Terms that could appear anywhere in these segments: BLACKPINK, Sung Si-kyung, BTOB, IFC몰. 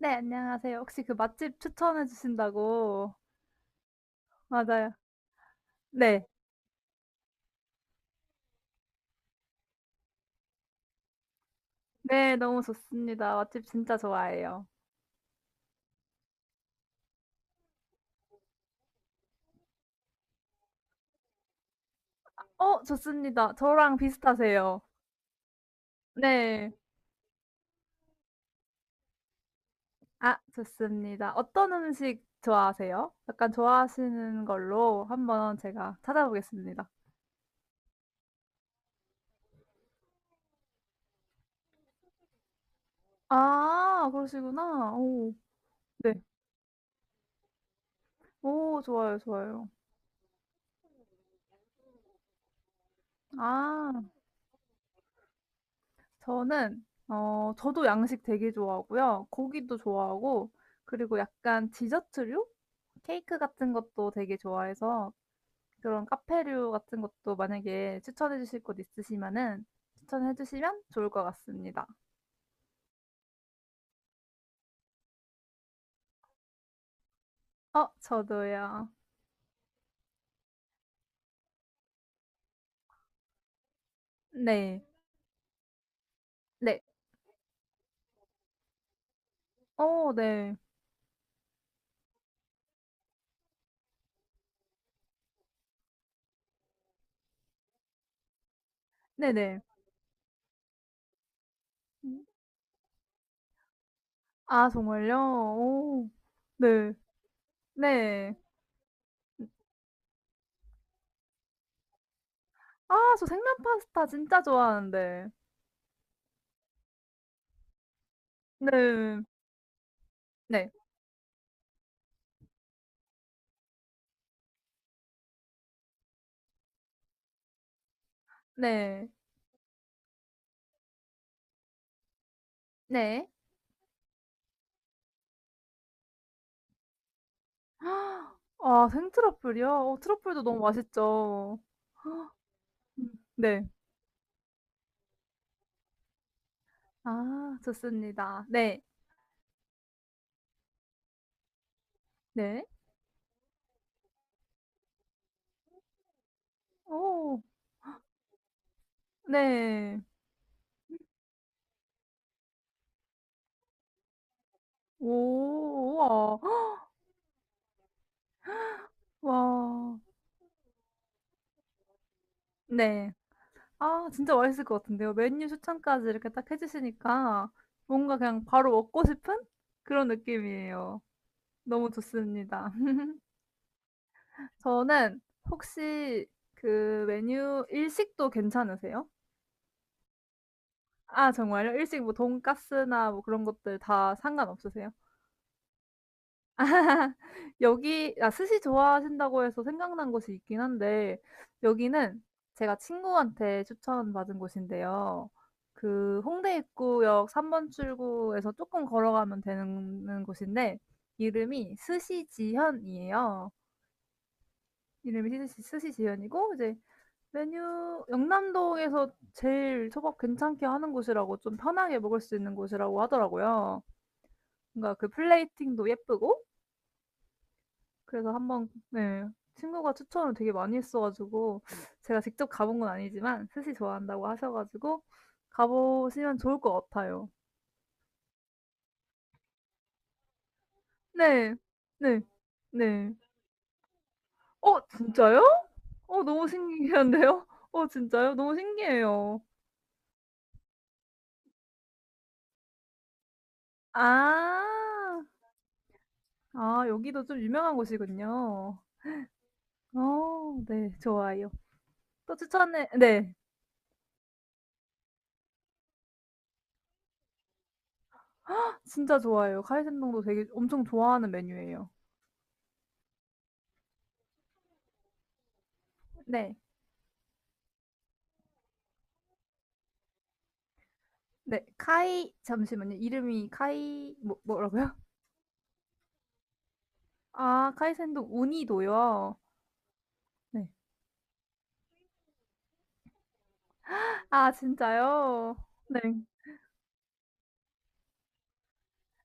네, 안녕하세요. 혹시 그 맛집 추천해 주신다고. 맞아요. 네. 네, 너무 좋습니다. 맛집 진짜 좋아해요. 어, 좋습니다. 저랑 비슷하세요. 네. 아, 좋습니다. 어떤 음식 좋아하세요? 약간 좋아하시는 걸로 한번 제가 찾아보겠습니다. 아, 그러시구나. 오, 네. 오, 좋아요, 좋아요. 아. 저는 저도 양식 되게 좋아하고요. 고기도 좋아하고 그리고 약간 디저트류? 케이크 같은 것도 되게 좋아해서 그런 카페류 같은 것도 만약에 추천해 주실 곳 있으시면은 추천해 주시면 좋을 것 같습니다. 어 저도요. 네. 네. 어 네. 네네. 음. 아 정말요? 오. 네. 네. 아 저 생면 파스타 진짜 좋아하는데. 네. 네. 네. 네. 아 생트러플이요? 어 트러플도 너무 맛있죠. 음. 네. 아 좋습니다. 네. 네. 오. 네. 오. 우와. 헉, 와. 네. 아 진짜 맛있을 것 같은데요. 메뉴 추천까지 이렇게 딱 해 주시니까 뭔가 그냥 바로 먹고 싶은 그런 느낌이에요. 너무 좋습니다. 저는 혹시 그 메뉴 일식도 괜찮으세요? 아 정말요? 일식 뭐 돈까스나 뭐 그런 것들 다 상관없으세요? 여기 아 스시 좋아하신다고 해서 생각난 곳이 있긴 한데 여기는 제가 친구한테 추천받은 곳인데요. 그 홍대 입구역 3번 출구에서 조금 걸어가면 되는 곳인데 이름이 스시지현이에요. 이름이 스시 스시지현이고 이제 메뉴 영남동에서 제일 초밥 괜찮게 하는 곳이라고 좀 편하게 먹을 수 있는 곳이라고 하더라고요. 뭔가 그 플레이팅도 예쁘고 그래서 한번 네. 친구가 추천을 되게 많이 했어 가지고 제가 직접 가본 건 아니지만 스시 좋아한다고 하셔 가지고 가보시면 좋을 것 같아요. 네. 네. 네. 어 진짜요? 어 너무 신기한데요? 어 진짜요? 너무 신기해요. 아. 아 여기도 좀 유명한 곳이군요. 어 네. 좋아요. 또 추천해 네. 진짜 좋아해요. 카이센동도 되게 엄청 좋아하는 메뉴예요. 네. 네, 카이 잠시만요. 이름이 카이 뭐라고요? 아, 카이센동 우니도요. 네. 아, 진짜요? 네.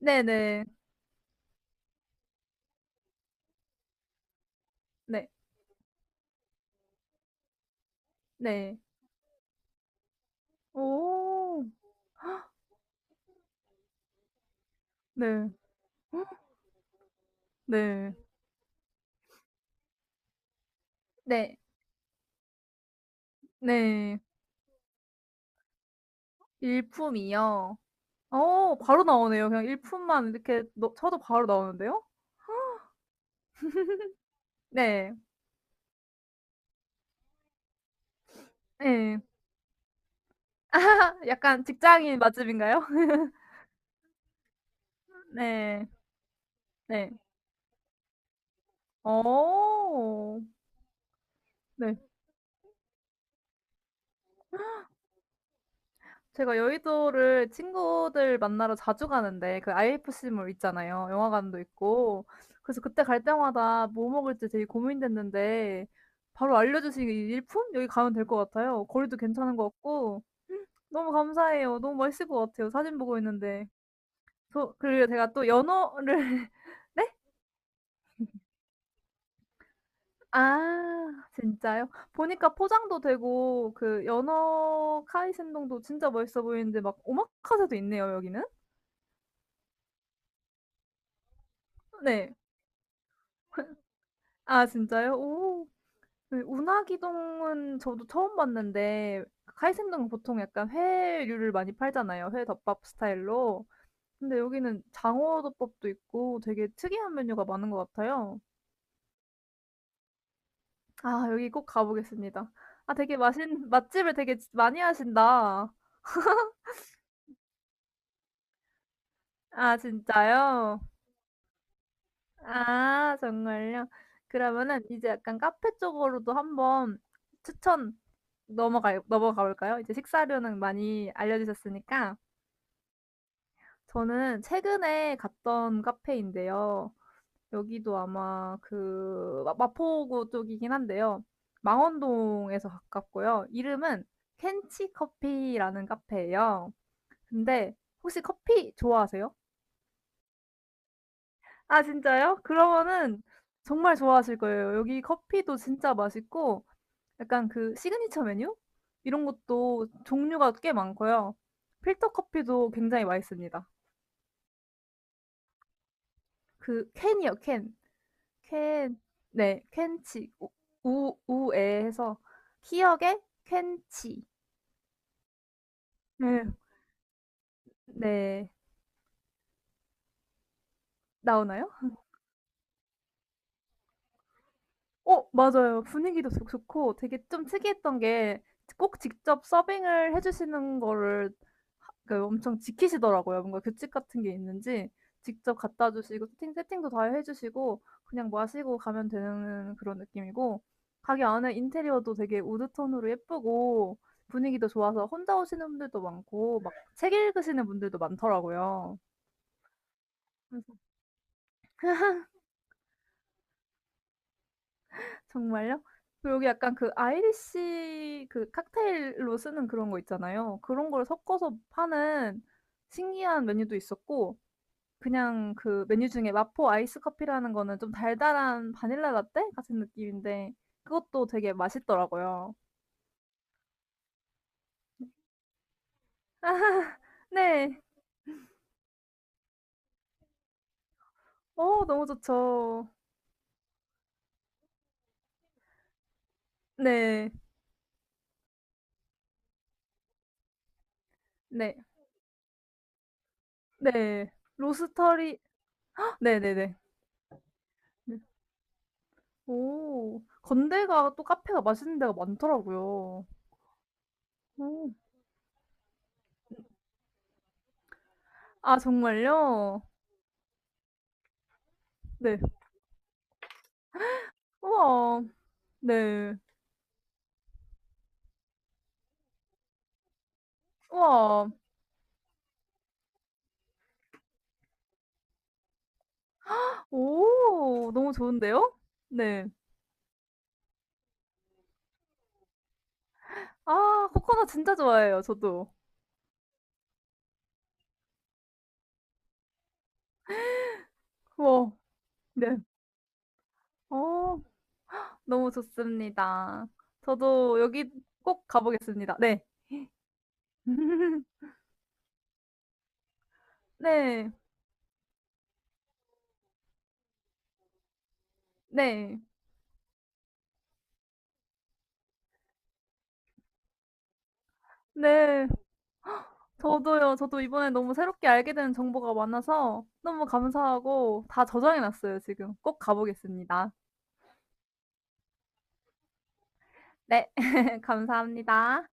네네. 네. 네. 네. 오. 네. 네. 네. 네. 일품이요. 어, 바로 나오네요. 그냥 일품만 이렇게 넣 쳐도 바로 나오는데요? 네. 네. 아 약간 직장인 맛집인가요? 네. 네. 어. 네. 제가 여의도를 친구들 만나러 자주 가는데 그 IFC몰 있잖아요. 영화관도 있고. 그래서 그때 갈 때마다 뭐 먹을지 되게 고민됐는데 바로 알려주신 이 일품? 여기 가면 될 것 같아요. 거리도 괜찮은 것 같고. 너무 감사해요. 너무 맛있을 것 같아요. 사진 보고 있는데. 저 그리고 제가 또 연어를 네? 아 진짜요? 보니까 포장도 되고 그 연어 카이센동도 진짜 멋있어 보이는데 막 오마카세도 있네요, 여기는. 네. 아 진짜요? 오. 그 운하기동은 저도 처음 봤는데 카이센동은 보통 약간 회류를 많이 팔잖아요. 회 덮밥 스타일로. 근데 여기는 장어 덮밥도 있고 되게 특이한 메뉴가 많은 것 같아요. 아 여기 꼭 가보겠습니다. 아 되게 맛있는 맛집을 되게 많이 하신다. 아 진짜요? 아 정말요? 그러면은 이제 약간 카페 쪽으로도 한번 추천 넘어가 볼까요? 이제 식사료는 많이 알려주셨으니까. 저는 최근에 갔던 카페인데요. 여기도 아마 그 마포구 쪽이긴 한데요. 망원동에서 가깝고요. 이름은 켄치 커피라는 카페예요. 근데 혹시 커피 좋아하세요? 아, 진짜요? 그러면은 정말 좋아하실 거예요. 여기 커피도 진짜 맛있고 약간 그 시그니처 메뉴? 이런 것도 종류가 꽤 많고요. 필터 커피도 굉장히 맛있습니다. 그 캔이요, 캔. 캔 네 켄치 우 우에 해서 "희역의 켄치." 네. 네. 나오나요? 어 맞아요. 분위기도 좋 좋고 되게 좀 특이했던 게 꼭 직접 서빙을 해 주시는 거를 하 그 엄청 지키시더라고요. 뭔가 규칙 같은 게 있는지 직접 갖다 주시고 세팅도 다 해 주시고 그냥 마시고 가면 되는 그런 느낌이고 가게 안에 인테리어도 되게 우드 톤으로 예쁘고 분위기도 좋아서 혼자 오시는 분들도 많고 막 책 읽으시는 분들도 많더라고요. 정말요? 그리고 여기 약간 그 아이리시 그 칵테일로 쓰는 그런 거 있잖아요. 그런 걸 섞어서 파는 신기한 메뉴도 있었고 그냥 그 메뉴 중에 마포 아이스 커피라는 거는 좀 달달한 바닐라 라떼 같은 느낌인데 그것도 되게 맛있더라고요. 네. 어 너무 좋죠. 네. 네. 네. 로스터리 헉, 네네네. 네. 네. 오. 건대가 또 카페가 맛있는 데가 많더라고요. 오. 아 정말요? 네. 우와. 네. 우와. 오. 너무 좋은데요? 네. 아 코코넛 진짜 좋아해요 저도. 우와. 네. 어. 너무 좋습니다. 저도 여기 꼭 가 보겠습니다. 네. 네. 네. 네. 저도요. 저도 이번에 너무 새롭게 알게 된 정보가 많아서 너무 감사하고 다 저장해 놨어요 지금. 꼭 가 보겠습니다. 네. 감사합니다.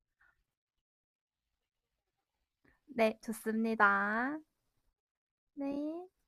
네. 좋습니다. 네.